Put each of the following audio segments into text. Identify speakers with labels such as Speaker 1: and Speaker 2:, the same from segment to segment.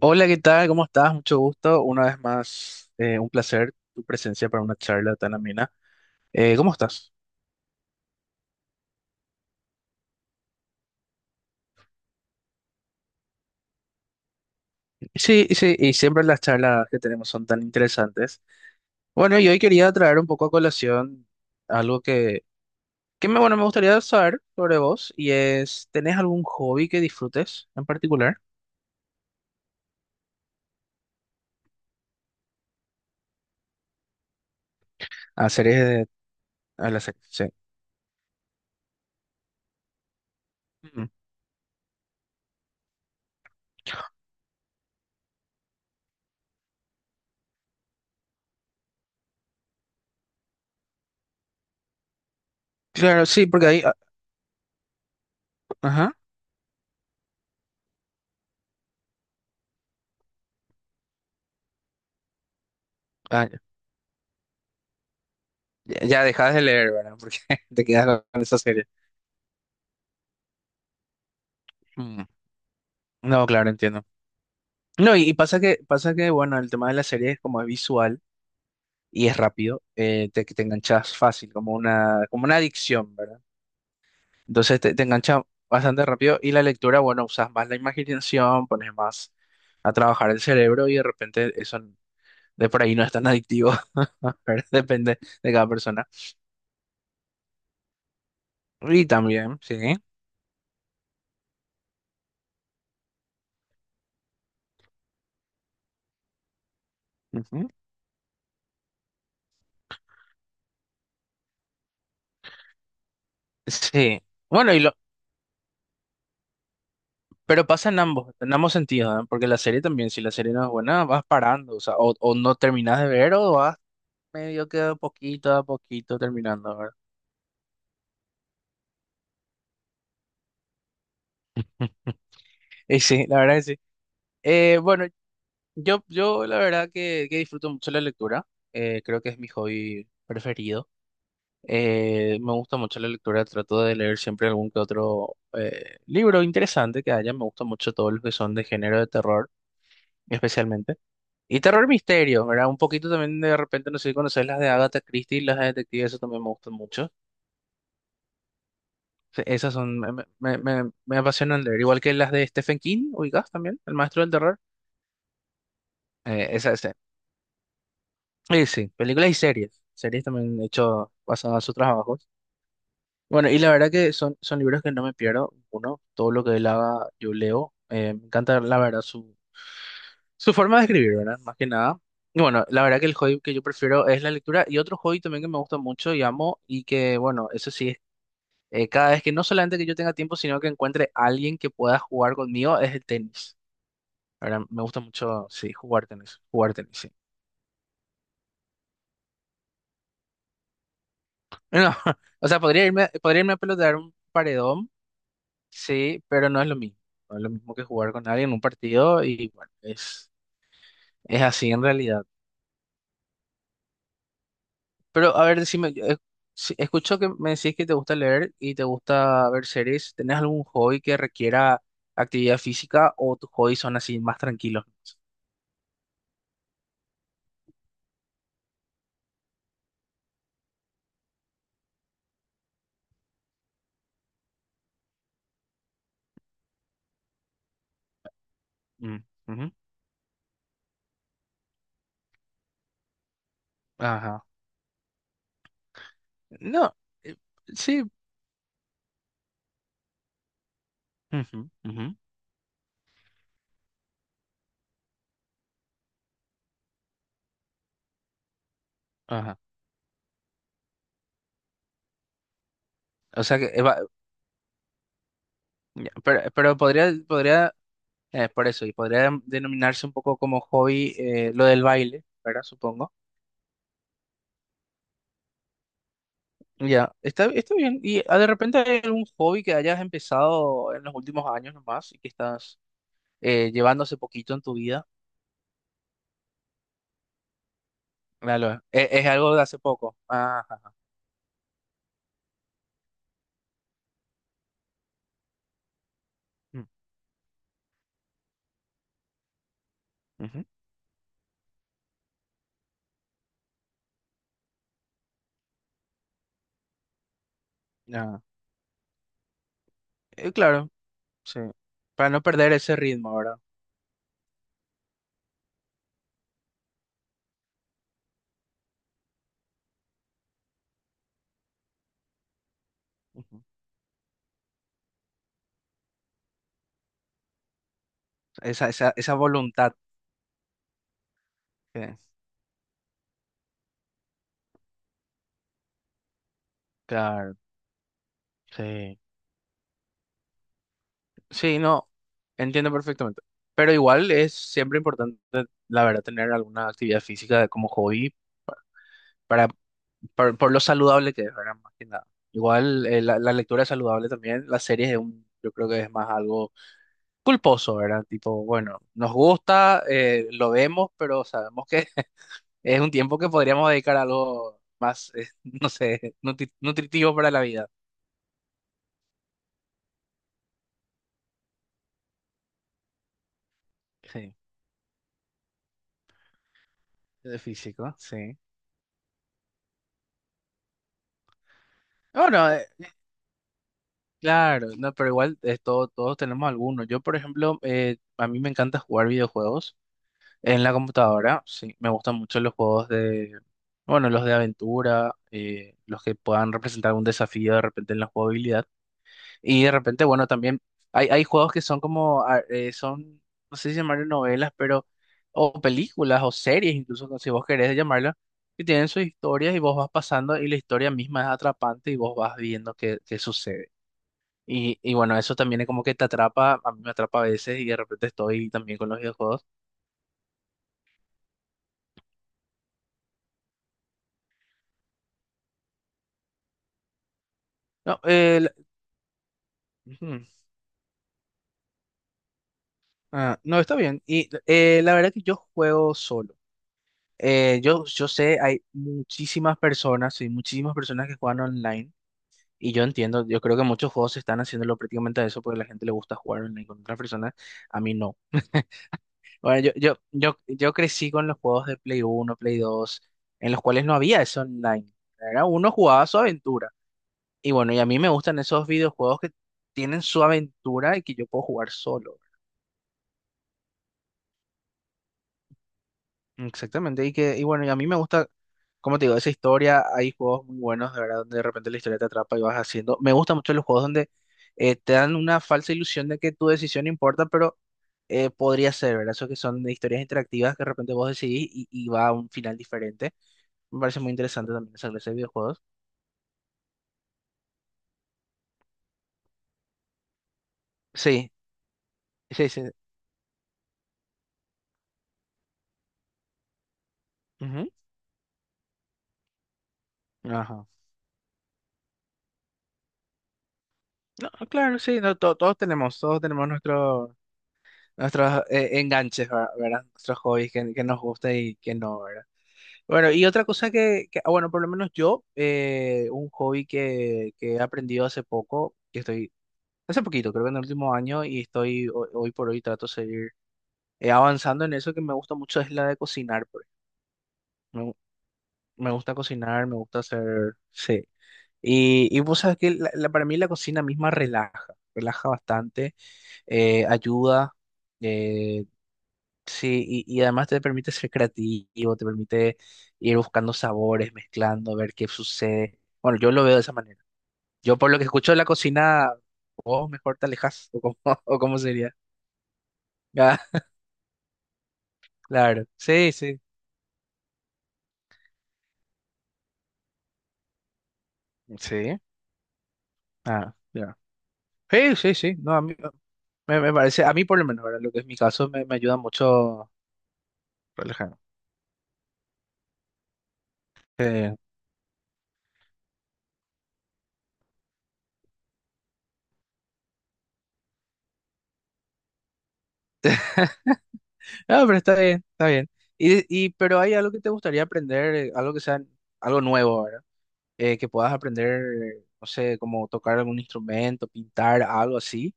Speaker 1: Hola, ¿qué tal? ¿Cómo estás? Mucho gusto. Una vez más, un placer tu presencia para una charla tan amena. ¿Cómo estás? Sí, y sí, y siempre las charlas que tenemos son tan interesantes. Bueno, y hoy quería traer un poco a colación algo que me, bueno, me gustaría saber sobre vos y es, ¿tenés algún hobby que disfrutes en particular? A series de... A la serie, sí. Ujú. Claro, sí, porque ahí... ah, ajá. Ah, ya dejas de leer, ¿verdad? Porque te quedas con esa serie. Mm. No, claro, entiendo. No, y pasa que, bueno, el tema de la serie es como es visual y es rápido, te, te enganchas fácil, como una adicción, ¿verdad? Entonces te engancha bastante rápido y la lectura, bueno, usas más la imaginación, pones más a trabajar el cerebro y de repente eso de por ahí no es tan adictivo, ¿verdad? Depende de cada persona. Y también, sí. Ujú. Sí. Bueno, y lo, pero pasa en ambos sentidos, ¿eh? Porque la serie también, si la serie no es buena, vas parando, o sea, o no terminas de ver o vas medio quedo poquito a poquito terminando, ¿verdad? Y sí, la verdad que sí. Bueno, yo la verdad que disfruto mucho la lectura. Creo que es mi hobby preferido. Me gusta mucho la lectura. Trato de leer siempre algún que otro libro interesante que haya. Me gusta mucho todos los que son de género de terror, especialmente. Y terror misterio, ¿verdad? Un poquito también de repente, no sé si conoces las de Agatha Christie, las de detectives, eso también me gustan mucho. Sí, Esas son, me apasionan leer, igual que las de Stephen King, ubicás también, el Maestro del Terror. Esa. Sí, sí, películas y series. Series también he hecho basadas en sus trabajos. Bueno, y la verdad que son, son libros que no me pierdo. Uno, todo lo que él haga, yo leo. Me encanta, la verdad, su forma de escribir, ¿verdad? Más que nada. Y bueno, la verdad que el hobby que yo prefiero es la lectura y otro hobby también que me gusta mucho y amo y que, bueno, eso sí cada vez que no solamente que yo tenga tiempo, sino que encuentre alguien que pueda jugar conmigo, es el tenis. Ahora, me gusta mucho, sí, jugar tenis, sí. No, o sea, podría irme a pelotear un paredón, sí, pero no es lo mismo. No es lo mismo que jugar con alguien en un partido y bueno, es así en realidad. Pero a ver, decime, yo, escucho que me decís que te gusta leer y te gusta ver series. ¿Tenés algún hobby que requiera actividad física o tus hobbies son así más tranquilos? Mm, ujú. Ajá. No, eh, sí. Ujú, ujú, ajá. O sea que, ya, pero podría, podría, y podría denominarse un poco como hobby lo del baile, ¿verdad? Supongo. Ya, está, está bien. ¿Y ah, de repente hay algún hobby que hayas empezado en los últimos años nomás y que estás llevando hace poquito en tu vida? Claro, es algo de hace poco. Ajá. Mm, ujú. Ah, claro, sí. Para no perder ese ritmo, ¿verdad? Ujú. Esa voluntad. Que- claro. Sí, sí, no, entiendo perfectamente. Pero igual es siempre importante, la verdad, tener alguna actividad física como hobby para, por lo saludable que es, ¿verdad? Más que nada. Igual la, la lectura es saludable también, las series es un, yo creo que es más algo culposo, ¿verdad? Tipo, bueno, nos gusta, lo vemos, pero sabemos que es un tiempo que podríamos dedicar a algo más, no sé, nutritivo para la vida. Sí, de físico, sí. Bueno, claro, no, pero igual es todos tenemos algunos. Yo, por ejemplo, a mí me encanta jugar videojuegos en la computadora. Sí, me gustan mucho los juegos de, bueno, los de aventura, los que puedan representar un desafío de repente en la jugabilidad. Y de repente, bueno, también hay juegos que son como, ah, son, no sé si llamarlo novelas, pero, o películas, o series, incluso si vos querés llamarlo, que tienen sus historias y vos vas pasando y la historia misma es atrapante y vos vas viendo qué, qué sucede. Y bueno, eso también es como que te atrapa, a mí me atrapa a veces y de repente estoy también con los videojuegos. No, ujú, ah, no está bien. Y la verdad que yo juego solo. Yo, yo sé, hay muchísimas personas, sí, muchísimas personas que juegan online y yo entiendo, yo creo que muchos juegos están haciéndolo prácticamente a eso porque a la gente le gusta jugar online con otras personas, a mí no. Bueno, yo crecí con los juegos de Play 1 Play 2 en los cuales no había eso online. Era uno jugaba su aventura. Y bueno, y a mí me gustan esos videojuegos que tienen su aventura y que yo puedo jugar solo. Exactamente. Y que, y bueno, y a mí me gusta, como te digo, esa historia. Hay juegos muy buenos, de verdad, donde de repente la historia te atrapa y vas haciendo. Me gustan mucho los juegos donde te dan una falsa ilusión de que tu decisión importa, pero podría ser, ¿verdad? Eso que son de historias interactivas que de repente vos decidís y va a un final diferente. Me parece muy interesante también esa clase de videojuegos. Sí, sí, sí. Ujú. Ajá. No, claro, sí, no, todos tenemos nuestro nuestros enganches, ¿verdad? Nuestros hobbies que nos gusta y que no, ¿verdad? Bueno, y otra cosa que, ah, bueno, por lo menos yo, un hobby que he aprendido hace poco, que estoy, hace poquito, creo que en el último año, y estoy, hoy, por hoy trato de seguir avanzando en eso que me gusta mucho, es la de cocinar, por ejemplo. Me, gu- me gusta cocinar, me gusta hacer, sí. Y vos sabés que para mí la cocina misma relaja, relaja bastante, ayuda. Eh, sí, y además te permite ser creativo, te permite ir buscando sabores, mezclando, ver qué sucede. Bueno, yo lo veo de esa manera. Yo por lo que escucho de la cocina, vos mejor te alejas, o cómo, o cómo sería. Ah, claro, sí, sí, sí, ah, ya. Sí, sí, sí, no, a mí me, me parece, a mí por lo menos, ¿verdad? Lo que es mi caso, me ayuda mucho relajarme. Eh, ah, pero está bien, está bien. Y, pero hay algo que te gustaría aprender, algo que sea algo nuevo, que puedas aprender, no sé, como tocar algún instrumento, pintar, algo así.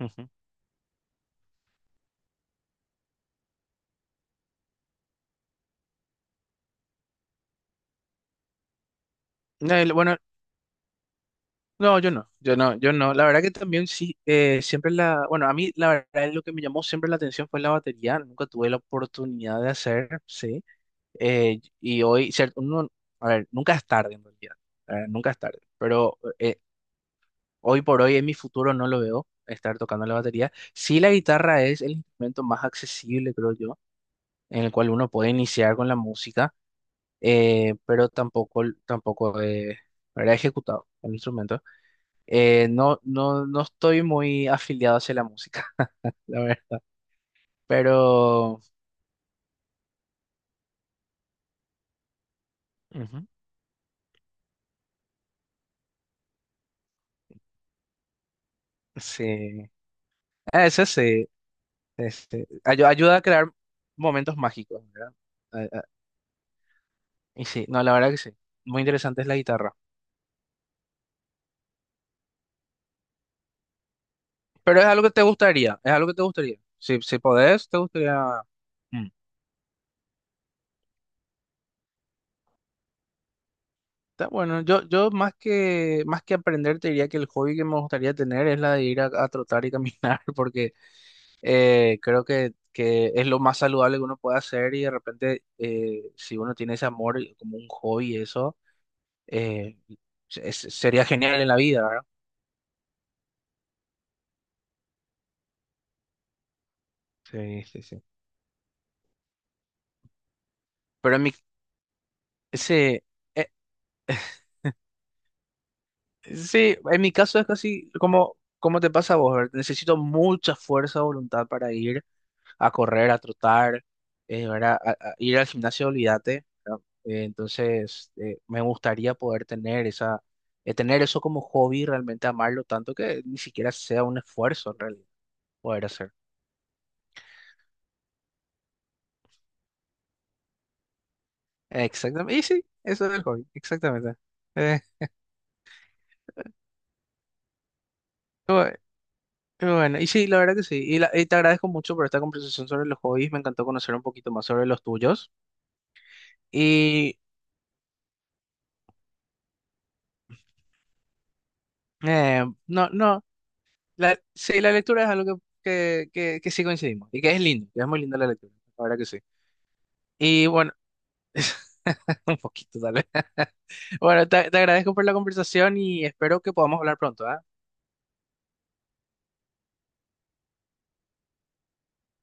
Speaker 1: Ujú. No, bueno, no, yo no. La verdad que también sí, siempre la, bueno, a mí la verdad es lo que me llamó siempre la atención fue la batería. Nunca tuve la oportunidad de hacer, sí. Y hoy, cierto, uno, a ver, nunca es tarde en realidad, nunca es tarde, pero hoy por hoy en mi futuro no lo veo estar tocando la batería. Sí, la guitarra es el instrumento más accesible, creo yo, en el cual uno puede iniciar con la música pero tampoco, tampoco era ejecutado el instrumento. No, no estoy muy afiliado hacia la música, la verdad, pero ujú. Sí, ah, eso sí, este, ayuda a crear momentos mágicos, ¿verdad? Ah, ah, y sí, no, la verdad que sí, muy interesante es la guitarra, pero es algo que te gustaría, es algo que te gustaría, si, si podés, te gustaría... Mm, está bueno, yo más que aprender te diría que el hobby que me gustaría tener es la de ir a trotar y caminar, porque creo que es lo más saludable que uno puede hacer y de repente si uno tiene ese amor y como un hobby eso, eh, sería genial en la vida, ¿verdad? Sí, sí, sí. Pero en mi, sí, eh, sí, en mi caso es casi como, como te pasa a vos, ¿verdad? Necesito mucha fuerza de voluntad para ir a correr, a trotar, ¿verdad? A ir al gimnasio, olvídate, ¿verdad? Entonces, me gustaría poder tener esa, tener eso como hobby, realmente amarlo tanto que ni siquiera sea un esfuerzo en realidad poder hacer. Exactamente, y sí, eso es el hobby, exactamente. Eh, bu- bueno, y sí, la verdad que sí. Y, y te agradezco mucho por esta conversación sobre los hobbies. Me encantó conocer un poquito más sobre los tuyos. Y no, no. La, sí, la lectura es algo que sí coincidimos y que es lindo, que es muy linda la lectura, la verdad que sí. Y bueno, un poquito tal vez. Bueno, te agradezco por la conversación y espero que podamos hablar pronto, ¿ah?